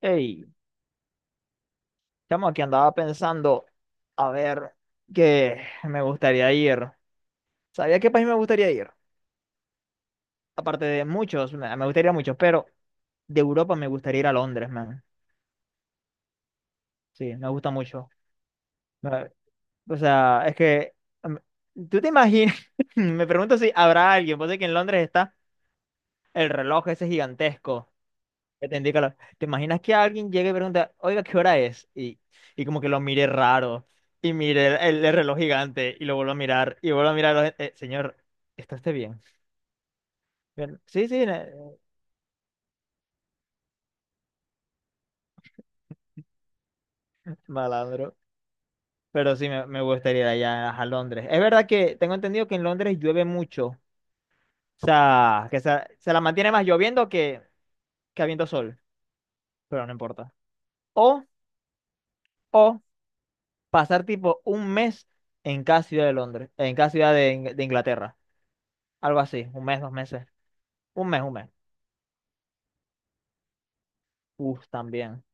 Hey, estamos aquí, andaba pensando, a ver, qué me gustaría ir. ¿Sabía a qué país me gustaría ir? Aparte de muchos, me gustaría muchos, pero de Europa me gustaría ir a Londres, man. Sí, me gusta mucho. Me- O sea, em, ¿tú te imaginas? Me pregunto si habrá alguien, pues de que en Londres está el reloj ese gigantesco. Ya te indica claro. ¿Te imaginas que alguien llegue y pregunta, oiga, ¿qué hora es? Y como que lo mire raro, y mire el reloj gigante, y lo vuelvo a mirar, y vuelvo a mirar, a señor, ¿está usted bien? Bien, sí, sí, malandro". Pero sí, me gustaría ir allá a Londres. Es verdad que tengo entendido que en Londres llueve mucho. O sea, que se la mantiene más lloviendo que habiendo sol, pero no importa. O, o pasar tipo un mes en cada ciudad de Londres, en cada ciudad de, de Inglaterra. Algo así, un mes, dos meses. Un mes, un mes. Uf, también.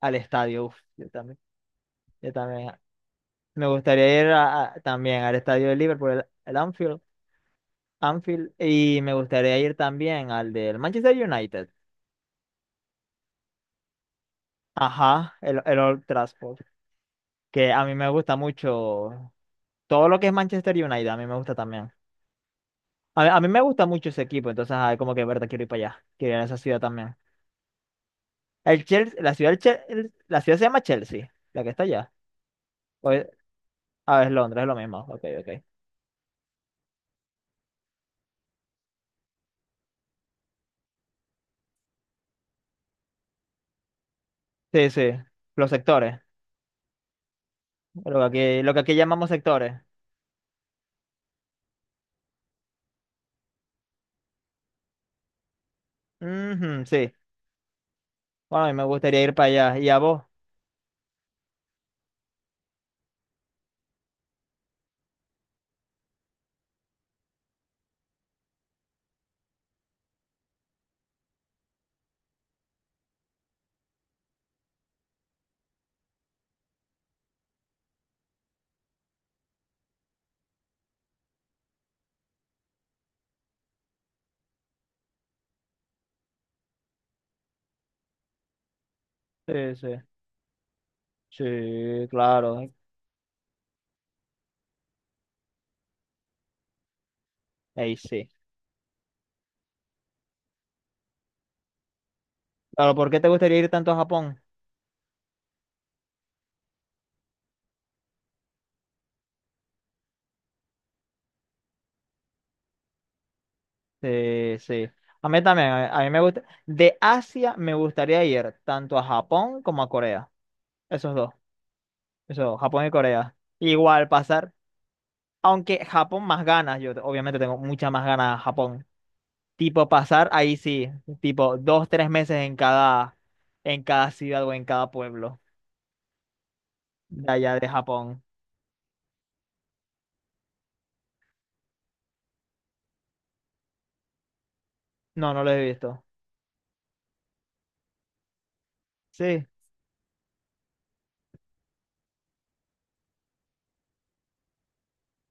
Al estadio, uf, yo también. Yo también. Me gustaría ir también al estadio de Liverpool, el Anfield, Anfield. Y me gustaría ir también al del Manchester United. Ajá, el Old Trafford. Que a mí me gusta mucho. Todo lo que es Manchester United, a mí me gusta también. A mí me gusta mucho ese equipo, entonces, ay, como que, verdad, quiero ir para allá. Quiero ir a esa ciudad también. El Chelsea, la ciudad, la ciudad se llama Chelsea, la que está allá. O es- ah, es Londres, es lo mismo. Ok, ok. Sí, sí, los sectores, lo que aquí llamamos sectores. Ujú, sí, bueno, a mí me gustaría ir para allá. ¿Y a vos? Sí, sí, sí, claro, ahí sí. Claro, ¿por qué te gustaría ir tanto a Japón? Sí, sí. A mí también, a mí me gusta. De Asia me gustaría ir tanto a Japón como a Corea. Esos dos, esos dos, Japón y Corea. Igual pasar, aunque Japón más ganas, obviamente tengo muchas más ganas a Japón. Tipo pasar, ahí sí, tipo dos, tres meses en cada ciudad o en cada pueblo de allá de Japón. No, no lo he visto. Sí,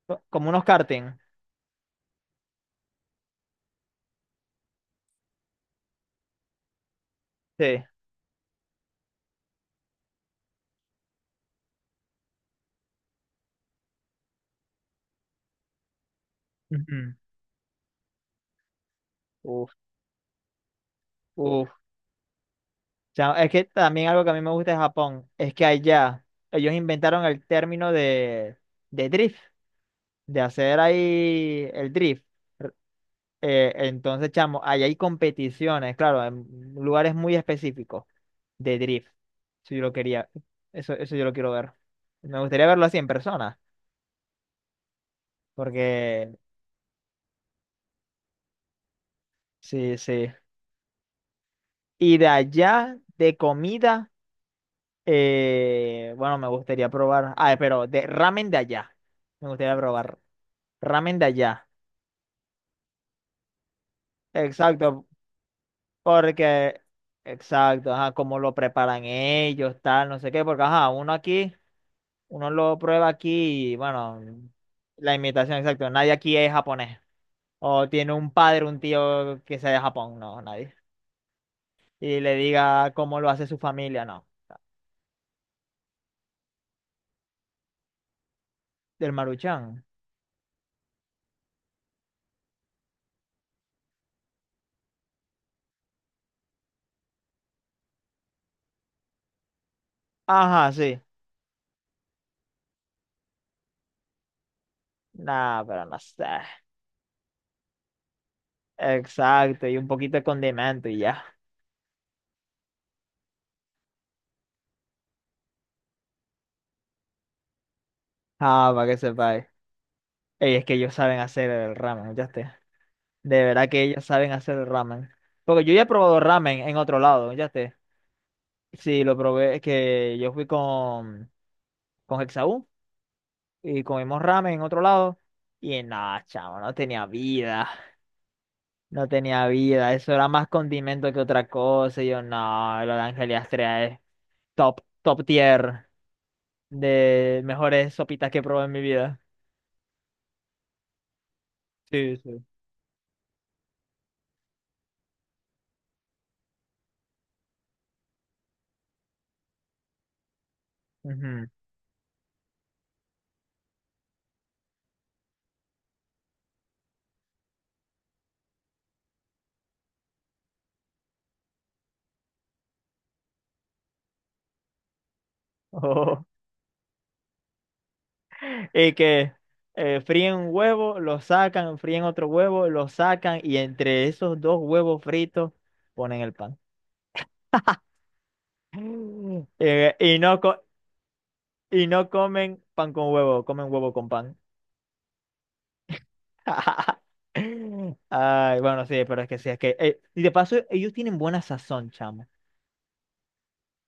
como unos karting. Sí. Ujú. Uf, uf. O es que también algo que a mí me gusta de Japón es que allá ellos inventaron el término de drift, de hacer ahí el drift. R- entonces, chamo, allá hay competiciones, claro, en lugares muy específicos de drift. Si yo lo quería, eso yo lo quiero ver. Me gustaría verlo así en persona, porque sí, sí. Y de allá, de comida, bueno, me gustaría probar. Ah, pero de ramen de allá. Me gustaría probar ramen de allá. Exacto, porque, exacto, ajá, cómo lo preparan ellos, tal, no sé qué, porque, ajá, uno aquí, uno lo prueba aquí y, bueno, la imitación, exacto. Nadie aquí es japonés. O tiene un padre, un tío que sea de Japón, no, nadie. Y le diga cómo lo hace su familia, no. Del Maruchan. Ajá, sí. Nah, pero no sé. Exacto, y un poquito de condimento y ya. Ah, para que sepáis. Ey, es que ellos saben hacer el ramen, ya esté. De verdad que ellos saben hacer el ramen. Porque yo ya he probado ramen en otro lado, ya esté. Sí, lo probé, es que yo fui con Hexaú y comimos ramen en otro lado. Y nada, chavo, no tenía vida. No tenía vida. Eso era más condimento que otra cosa. Y yo, no, lo de Ángel Astrea es top, top tier. De mejores sopitas que he probado en mi vida. Sí, sí. Ujú. Ojo. Y que fríen un huevo, lo sacan, fríen otro huevo, lo sacan y entre esos dos huevos fritos ponen el pan. Mm. Y no comen pan con huevo, comen huevo con pan. Ay, bueno, sí, pero es que sí, es que... y de paso, ellos tienen buena sazón, chamo.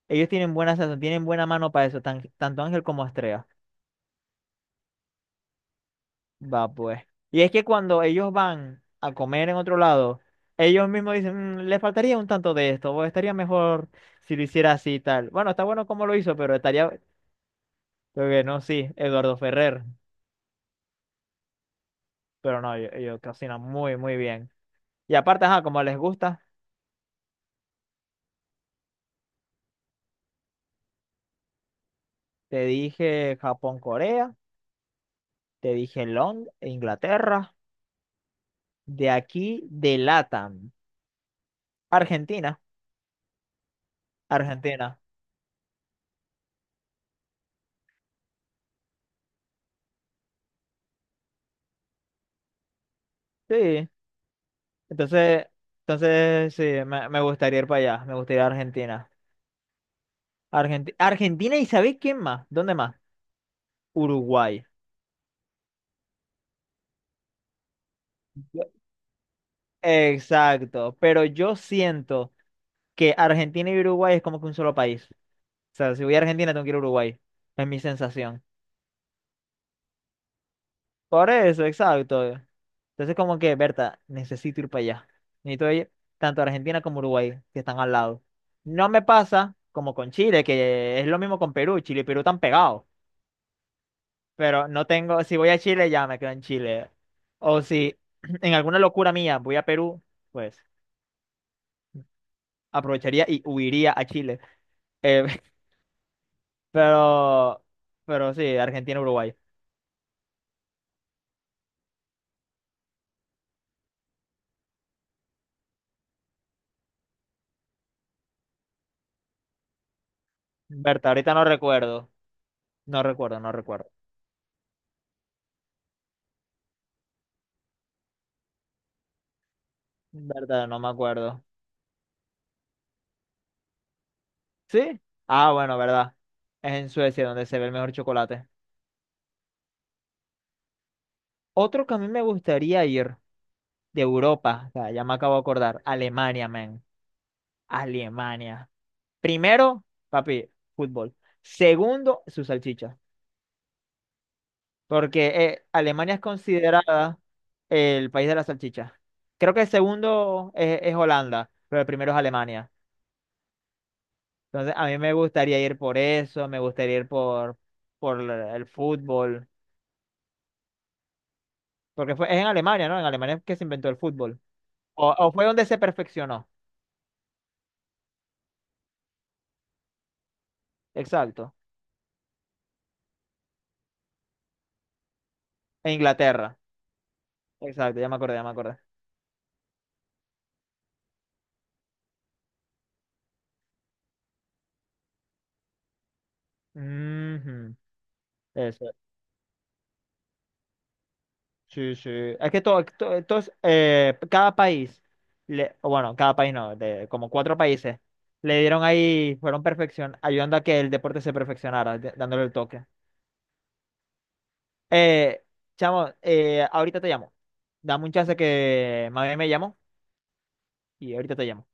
Ellos tienen buena sazón, tienen buena mano para eso, tanto Ángel como Astrea. Va pues. Y es que cuando ellos van a comer en otro lado, ellos mismos dicen, "Mm, le faltaría un tanto de esto, o estaría mejor si lo hiciera así y tal. Bueno, está bueno como lo hizo, pero estaría, creo que no, sí, Eduardo Ferrer". Pero no, ellos cocinan muy, muy bien. Y aparte, ajá, como les gusta, te dije Japón, Corea, te dije Londres, Inglaterra, de aquí, de LATAM, Argentina, Argentina. Sí, entonces, entonces sí, me gustaría ir para allá, me gustaría ir a Argentina. Argentina y ¿sabéis quién más? ¿Dónde más? Uruguay. Exacto, pero yo siento que Argentina y Uruguay es como que un solo país. O sea, si voy a Argentina tengo que ir a Uruguay. Es mi sensación. Por eso, exacto. Entonces como que, Berta, necesito ir para allá. Necesito ir tanto a Argentina como a Uruguay, que están al lado. No me pasa como con Chile, que es lo mismo con Perú. Chile y Perú están pegados. Pero no tengo, si voy a Chile, ya me quedo en Chile. O si en alguna locura mía voy a Perú, pues aprovecharía y huiría a Chile. Eh, pero, pero sí, Argentina, Uruguay. Berta, ahorita no recuerdo. No recuerdo, no recuerdo. Verdad, no me acuerdo. ¿Sí? Ah, bueno, verdad. Es en Suecia donde se ve el mejor chocolate. Otro que a mí me gustaría ir de Europa, o sea, ya me acabo de acordar, Alemania, man. Alemania. Primero, papi, fútbol. Segundo, su salchicha. Porque Alemania es considerada el país de la salchicha. Creo que el segundo es Holanda, pero el primero es Alemania. Entonces, a mí me gustaría ir por eso, me gustaría ir por el fútbol. Porque es en Alemania, ¿no? En Alemania es que se inventó el fútbol. O fue donde se perfeccionó. Exacto. En Inglaterra. Exacto, ya me acordé, ya me acordé. Ujú. Eso. Sí, sí. Es que todo, to- todos, cada país, o bueno, cada país no, de como cuatro países, le dieron ahí, fueron perfección, ayudando a que el deporte se perfeccionara, dándole el toque. Eh, chamo, ahorita te llamo. Dame un chance que mami me llamó y ahorita te llamo.